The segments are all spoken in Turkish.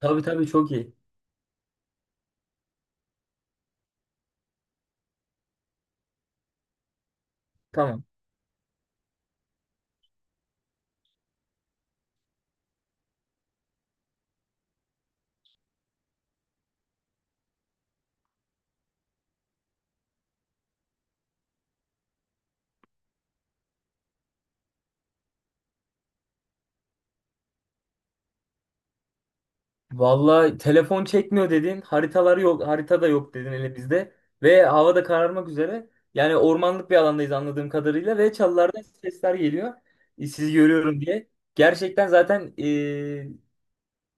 Tabii tabii, çok iyi. Tamam. Vallahi telefon çekmiyor dedin. Haritalar yok. Harita da yok dedin hele bizde. Ve hava da kararmak üzere. Yani ormanlık bir alandayız anladığım kadarıyla. Ve çalılardan sesler geliyor. Sizi görüyorum diye. Gerçekten zaten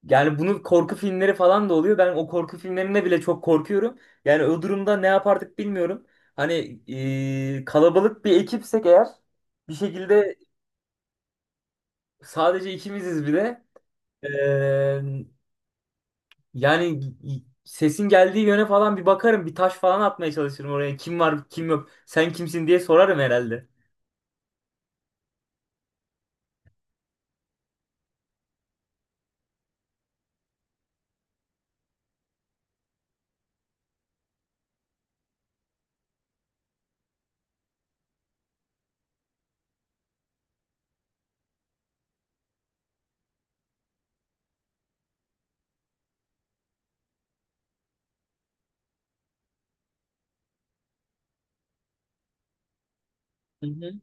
yani bunu korku filmleri falan da oluyor. Ben o korku filmlerinde bile çok korkuyorum. Yani o durumda ne yapardık bilmiyorum. Hani kalabalık bir ekipsek eğer, bir şekilde sadece ikimiziz bir de. Ee, Yani sesin geldiği yöne falan bir bakarım. Bir taş falan atmaya çalışırım oraya. Kim var kim yok. Sen kimsin diye sorarım herhalde. Hı hı.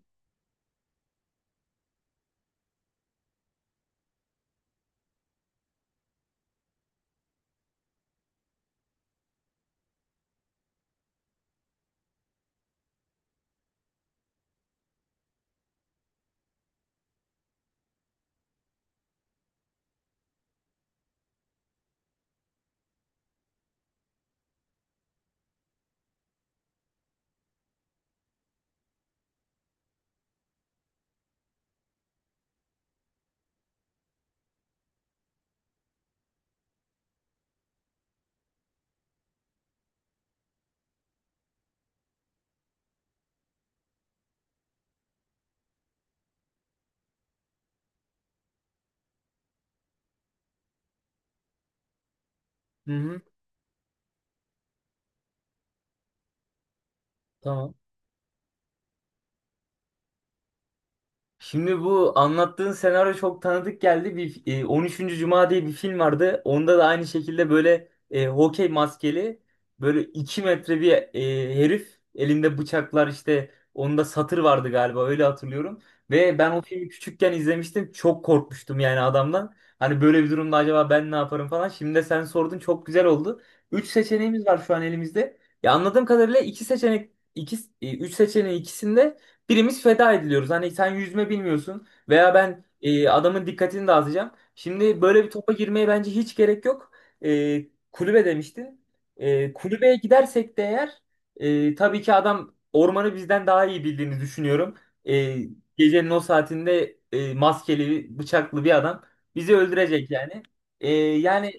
Hı hı. Tamam. Şimdi bu anlattığın senaryo çok tanıdık geldi. 13. Cuma diye bir film vardı. Onda da aynı şekilde böyle hokey maskeli, böyle 2 metre bir herif, elinde bıçaklar, işte onda satır vardı galiba, öyle hatırlıyorum. Ve ben o filmi küçükken izlemiştim. Çok korkmuştum yani adamdan. Hani böyle bir durumda acaba ben ne yaparım falan. Şimdi de sen sordun, çok güzel oldu. 3 seçeneğimiz var şu an elimizde. Ya anladığım kadarıyla 3 seçeneğin ikisinde birimiz feda ediliyoruz. Hani sen yüzme bilmiyorsun veya ben, adamın dikkatini dağıtacağım. Şimdi böyle bir topa girmeye bence hiç gerek yok. E, Kulübe demiştin. E, kulübeye gidersek de eğer, tabii ki adam ormanı bizden daha iyi bildiğini düşünüyorum. E, Gecenin o saatinde maskeli, bıçaklı bir adam bizi öldürecek yani. Yani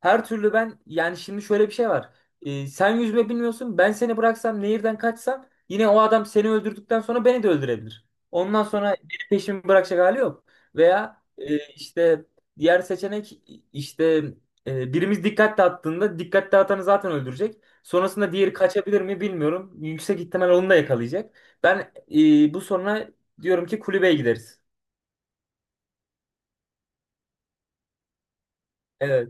her türlü ben, yani şimdi şöyle bir şey var. Sen yüzme bilmiyorsun. Ben seni bıraksam, nehirden kaçsam, yine o adam seni öldürdükten sonra beni de öldürebilir. Ondan sonra beni, peşimi bırakacak hali yok. Veya işte diğer seçenek, işte birimiz dikkat dağıttığında dikkat dağıtanı zaten öldürecek. Sonrasında diğeri kaçabilir mi bilmiyorum. Yüksek ihtimal onu da yakalayacak. Ben bu sonra diyorum ki kulübeye gideriz. Evet.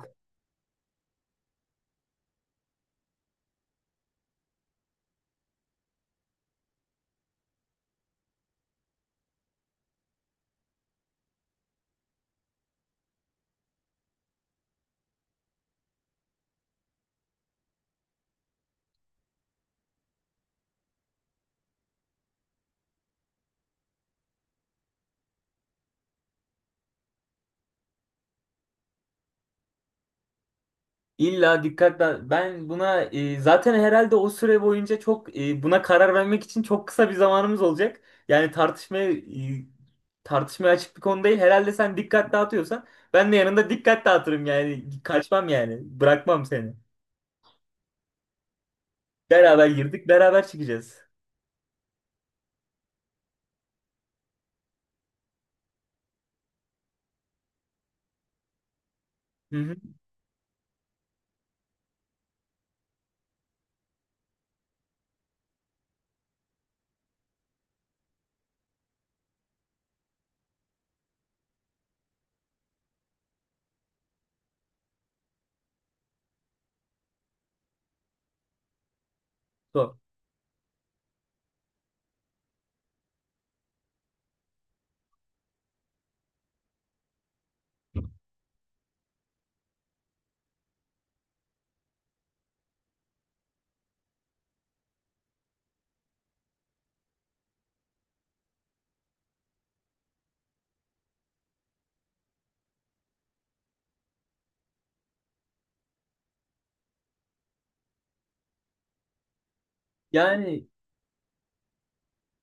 İlla dikkatle ben buna, zaten herhalde o süre boyunca çok, buna karar vermek için çok kısa bir zamanımız olacak. Yani tartışmaya açık bir konu değil. Herhalde sen dikkat dağıtıyorsan ben de yanında dikkat dağıtırım, yani kaçmam, yani bırakmam seni. Beraber girdik, beraber çıkacağız. Hı hı. Doğru. Yani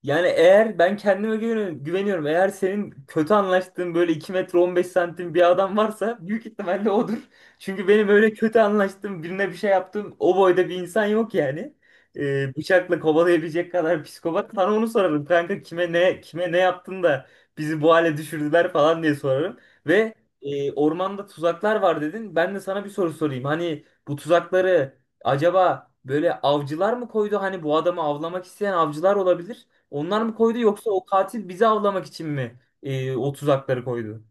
Yani eğer ben kendime güveniyorum. Eğer senin kötü anlaştığın böyle 2 metre 15 santim bir adam varsa, büyük ihtimalle odur. Çünkü benim öyle kötü anlaştığım birine bir şey yaptığım o boyda bir insan yok yani. Bıçakla kovalayabilecek kadar psikopat. Sana onu sorarım kanka, kime ne yaptın da bizi bu hale düşürdüler falan diye sorarım. Ve ormanda tuzaklar var dedin. Ben de sana bir soru sorayım. Hani bu tuzakları acaba böyle avcılar mı koydu? Hani bu adamı avlamak isteyen avcılar olabilir. Onlar mı koydu, yoksa o katil bizi avlamak için mi o tuzakları koydu?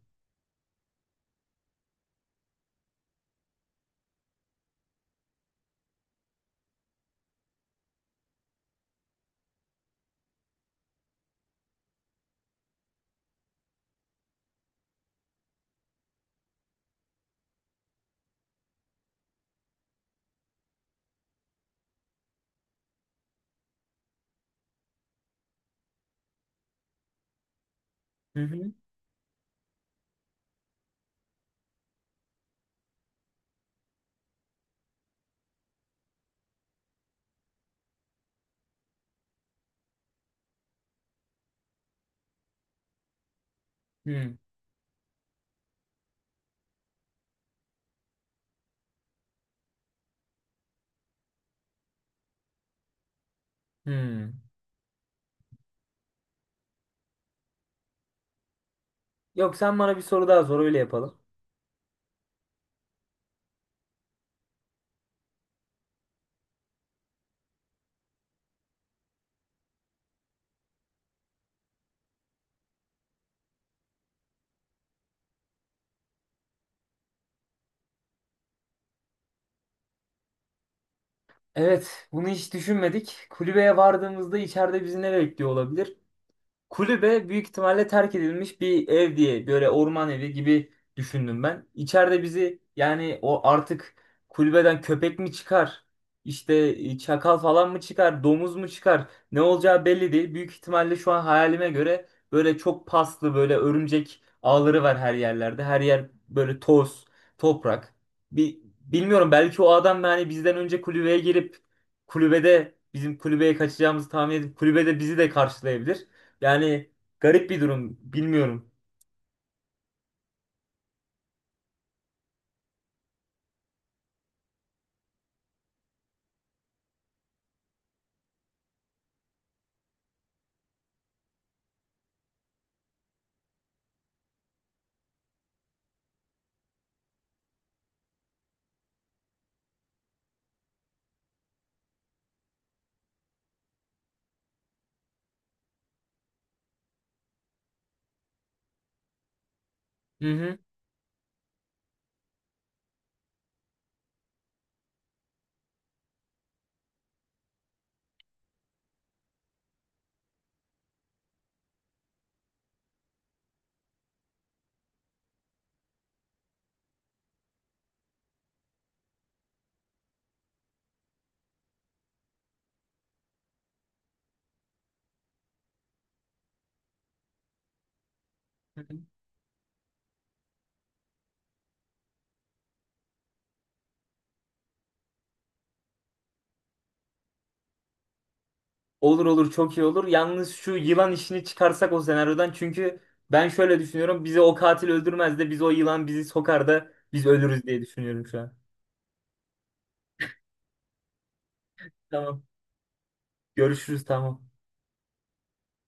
Hı hı. Hı hı. Yok, sen bana bir soru daha sor, öyle yapalım. Evet, bunu hiç düşünmedik. Kulübeye vardığımızda içeride bizi ne bekliyor olabilir? Kulübe büyük ihtimalle terk edilmiş bir ev diye, böyle orman evi gibi düşündüm ben. İçeride bizi, yani o artık kulübeden köpek mi çıkar? İşte çakal falan mı çıkar? Domuz mu çıkar? Ne olacağı belli değil. Büyük ihtimalle şu an hayalime göre böyle çok paslı, böyle örümcek ağları var her yerlerde. Her yer böyle toz, toprak. Bir, bilmiyorum, belki o adam yani bizden önce kulübeye girip, kulübede bizim kulübeye kaçacağımızı tahmin edip kulübede bizi de karşılayabilir. Yani garip bir durum. Bilmiyorum. Hı hı. Hı hı. Olur olur, çok iyi olur. Yalnız şu yılan işini çıkarsak o senaryodan, çünkü ben şöyle düşünüyorum. Bizi o katil öldürmez de biz, o yılan bizi sokar da biz ölürüz diye düşünüyorum şu an. Tamam. Görüşürüz, tamam.